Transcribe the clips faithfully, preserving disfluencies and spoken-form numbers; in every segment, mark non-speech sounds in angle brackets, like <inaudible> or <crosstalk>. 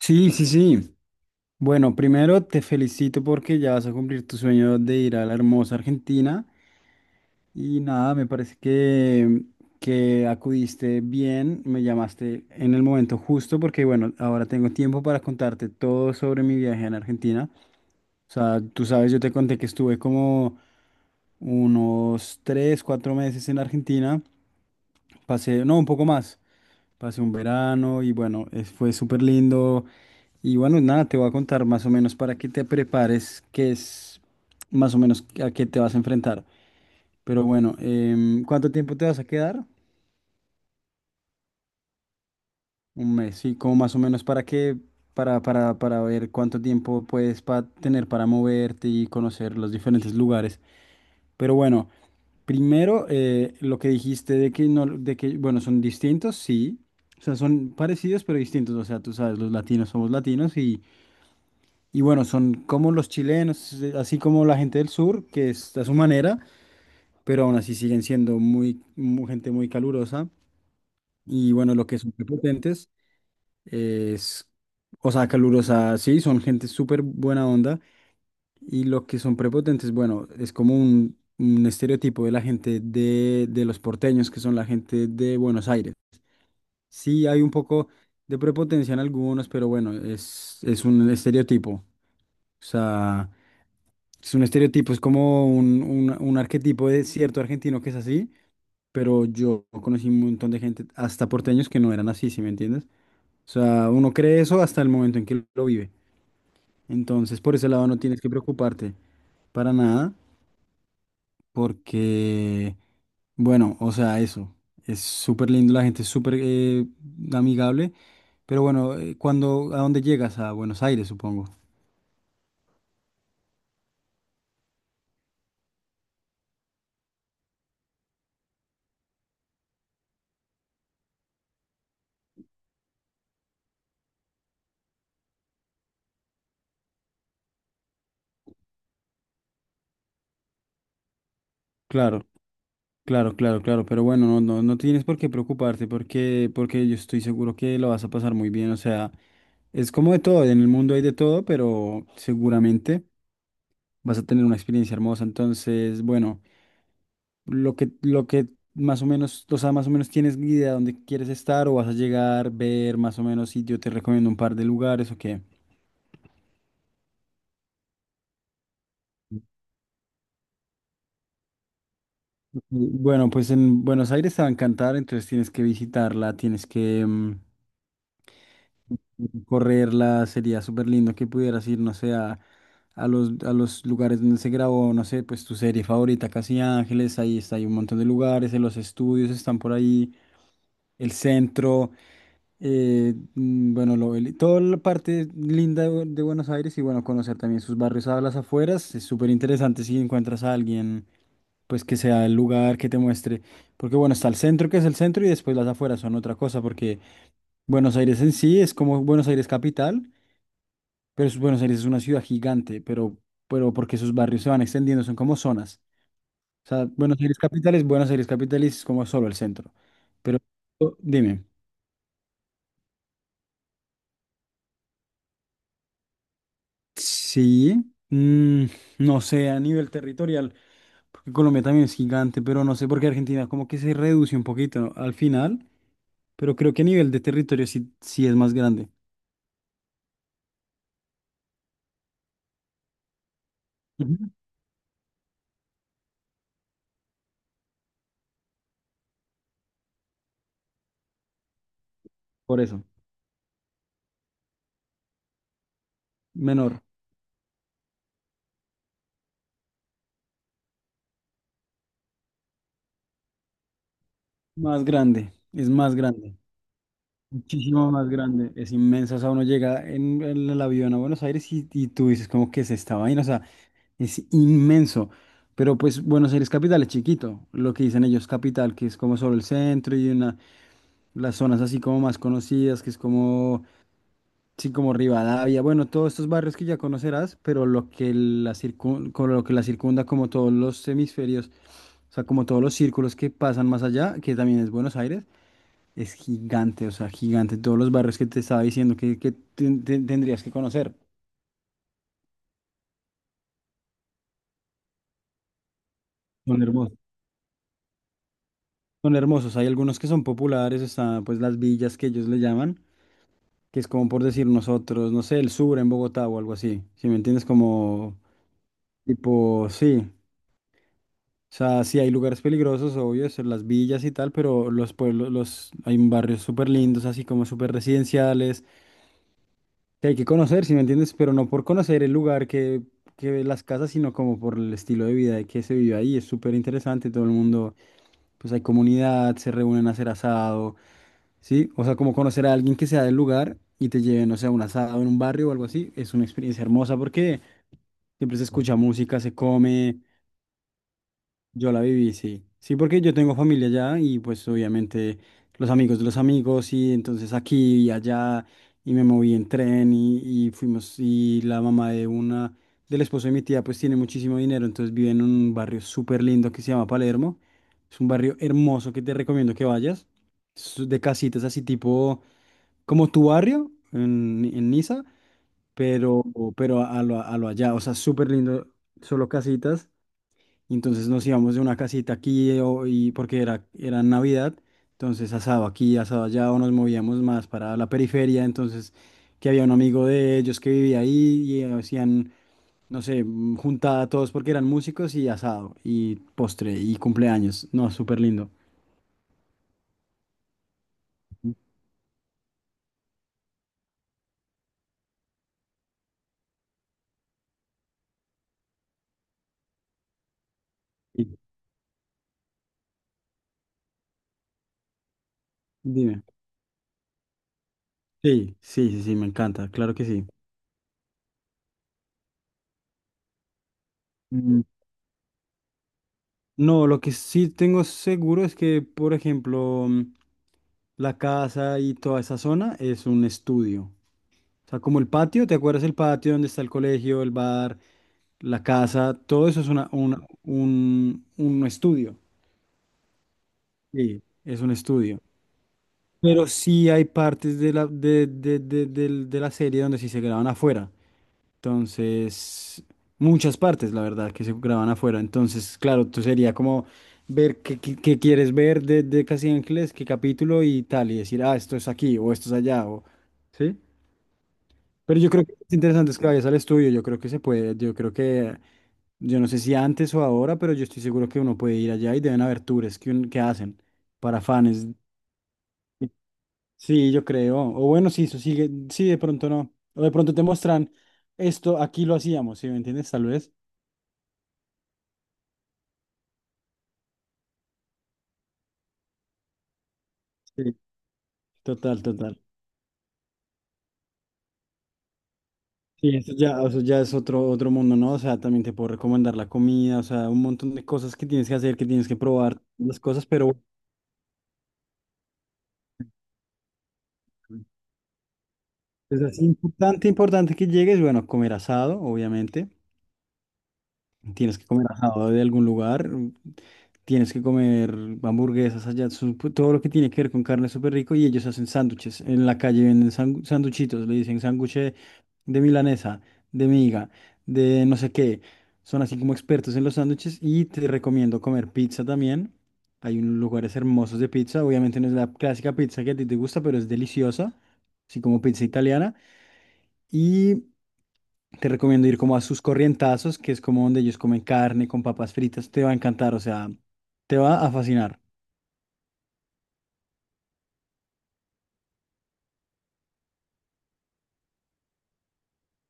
Sí, sí, sí. Bueno, primero te felicito porque ya vas a cumplir tu sueño de ir a la hermosa Argentina. Y nada, me parece que, que acudiste bien, me llamaste en el momento justo porque bueno, ahora tengo tiempo para contarte todo sobre mi viaje en Argentina. O sea, tú sabes, yo te conté que estuve como unos tres, cuatro meses en Argentina. Pasé, no, un poco más. Pasé un verano y bueno, es- fue súper lindo. Y bueno, nada, te voy a contar más o menos para que te prepares, qué es más o menos a qué te vas a enfrentar. Pero bueno, em, ¿cuánto tiempo te vas a quedar? Un mes, sí, como más o menos para que, para, para, para ver cuánto tiempo puedes pa- tener para moverte y conocer los diferentes lugares. Pero bueno, primero eh, lo que dijiste de que no, de que, bueno, son distintos, sí. O sea, son parecidos pero distintos. O sea, tú sabes, los latinos somos latinos. Y bueno, son como los chilenos, eh, así como la gente del sur, que es a su manera, pero aún así siguen siendo muy, mu- gente muy calurosa. Y bueno, lo que son prepotentes es, o sea, calurosa, sí, son gente súper buena onda. Y lo que son prepotentes, bueno, es como un, un estereotipo de la gente de, de los porteños, que son la gente de Buenos Aires. Sí, hay un poco de prepotencia en algunos, pero bueno, es, es un estereotipo. O sea. Es un estereotipo, es como un, un- un arquetipo de cierto argentino que es así, pero yo conocí un montón de gente, hasta porteños, que no eran así, ¿sí me entiendes? O sea, uno cree eso hasta el momento en que lo vive. Entonces, por ese lado no tienes que preocuparte para nada, porque, bueno, o sea, eso. Es súper lindo, la gente es súper eh, amigable, pero bueno, eh, cuando, ¿a dónde llegas? A Buenos Aires, supongo. Claro. Claro, claro, claro, pero bueno, no, no, no tienes por qué preocuparte porque, porque yo estoy seguro que lo vas a pasar muy bien, o sea, es como de todo, en el mundo hay de todo, pero seguramente vas a tener una experiencia hermosa, entonces, bueno, lo que, lo que más o menos, o sea, más o menos tienes idea de dónde quieres estar o vas a llegar, ver más o menos, y yo te recomiendo un par de lugares o qué. Bueno, pues en Buenos Aires te va a encantar, entonces tienes que visitarla, tienes que... mm, correrla, sería súper lindo que pudieras ir, no sé, a, a los, a los lugares donde se grabó, no sé, pues tu serie favorita, Casi Ángeles, ahí está, hay un montón de lugares, en los estudios están por ahí, el centro, eh, mm, bueno, lo- el- toda la parte linda de, de Buenos Aires y bueno, conocer también sus barrios a las afueras, es súper interesante si encuentras a alguien, pues que sea el lugar que te muestre, porque bueno, está el centro que es el centro y después las afueras son otra cosa, porque Buenos Aires en sí es como Buenos Aires capital. Pero es- Buenos Aires es una ciudad gigante, pero, pero porque sus barrios se van extendiendo, son como zonas. O sea, Buenos Aires capital es Buenos Aires capital y es como solo el centro. Pero o- dime, sí, mm, no sé, a nivel territorial, porque Colombia también es gigante, pero no sé por qué Argentina como que se reduce un poquito ¿no? al final, pero creo que a nivel de territorio sí, sí es más grande. Ujú. Por eso, menor, más grande, es más grande. Muchísimo más grande, es inmensa. O sea, uno llega en, en el avión a Buenos Aires y, y tú dices, ¿cómo que es esta vaina? O sea, es inmenso. Pero pues Buenos Aires capital es chiquito, lo que dicen ellos capital, que es como solo el centro y una, las zonas así como más conocidas, que es como, sí, como Rivadavia, bueno, todos estos barrios que ya conocerás, pero lo que la circun- con lo que la circunda, como todos los hemisferios, o sea, como todos los círculos que pasan más allá, que también es Buenos Aires, es gigante, o sea, gigante. Todos los barrios que te estaba diciendo que, que ten- ten- tendrías que conocer son hermosos. Son hermosos. Hay algunos que son populares, está pues las villas que ellos le llaman, que es como por decir nosotros, no sé, el sur en Bogotá o algo así. Si me entiendes, como tipo, sí. O sea, sí hay lugares peligrosos, obvio, son las villas y tal, pero los pueblos, los, hay barrios súper lindos, así como súper residenciales. Que hay que conocer, si me entiendes, pero no por conocer el lugar que, que las casas, sino como por el estilo de vida que se vive ahí. Es súper interesante, todo el mundo, pues hay comunidad, se reúnen a hacer asado, ¿sí? O sea, como conocer a alguien que sea del lugar y te lleven, no sé, a un asado en un barrio o algo así, es una experiencia hermosa porque siempre se escucha música, se come, yo la viví, sí. Sí, porque yo tengo familia allá y pues obviamente los amigos de los amigos y entonces aquí y allá y me moví en tren y, y fuimos y la mamá de una, del esposo de mi tía pues tiene muchísimo dinero, entonces vive en un barrio súper lindo que se llama Palermo. Es un barrio hermoso que te recomiendo que vayas. Es de casitas así tipo como tu barrio en, en Niza, pero, pero a lo, a lo allá, o sea, súper lindo, solo casitas. Y entonces nos íbamos de una casita aquí eh, o- y porque era, era Navidad, entonces asado aquí, asado allá, o nos movíamos más para la periferia, entonces que había un amigo de ellos que vivía ahí y hacían, no sé, mm, juntada a todos porque eran músicos y asado y postre y cumpleaños. No, súper lindo. Y dime. Sí, sí, sí, sí, me encanta, claro que sí. Mm, No, lo que sí tengo seguro es que, por ejemplo, mm, la casa y toda esa zona es un estudio. O sea, como el patio, ¿te acuerdas el patio donde está el colegio, el bar, la casa? Todo eso es una, una- un, un estudio. Sí, es un estudio. Pero sí hay partes de la, de, de, de, del- de la serie donde sí se graban afuera. Entonces, muchas partes, la verdad, que se graban afuera. Entonces, claro, tú sería como ver qué, qué- qué quieres ver de, de Casi Ángeles, qué capítulo y tal, y decir, ah, esto es aquí o esto es allá, o... ¿Sí? Pero yo creo que es interesante es que vayas al estudio, yo creo que se puede, yo creo que, yo no sé si antes o ahora, pero yo estoy seguro que uno puede ir allá y deben haber tours que, un- que hacen para fans. Sí, yo creo. O bueno, sí, eso sigue, sí, de pronto no. O de pronto te muestran esto, aquí lo hacíamos, ¿sí me entiendes? Tal vez. Sí, total, total. Sí, eso ya, eso ya es otro, otro mundo, ¿no? O sea, también te puedo recomendar la comida, o sea, un montón de cosas que tienes que hacer, que tienes que probar, las cosas, pero... bueno. Es así importante, importante que llegues, bueno, comer asado, obviamente. Tienes que comer asado de algún lugar. Tienes que comer hamburguesas allá, su- todo lo que tiene que ver con carne es súper rico y ellos hacen sándwiches. En la calle venden sangu- sanduchitos, le dicen sándwich de de milanesa, de miga, de no sé qué. Son así como expertos en los sándwiches y te recomiendo comer pizza también. Hay unos lugares hermosos de pizza. Obviamente no es la clásica pizza que a ti te gusta, pero es deliciosa así como pizza italiana. Y te recomiendo ir como a sus corrientazos, que es como donde ellos comen carne con papas fritas. Te va a encantar, o sea, te va a fascinar.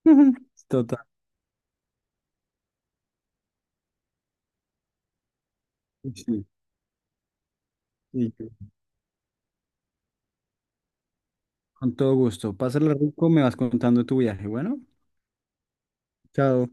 <laughs> Total. Sí, sí, con todo gusto. Pásala rico, me vas contando tu viaje. Bueno, chao.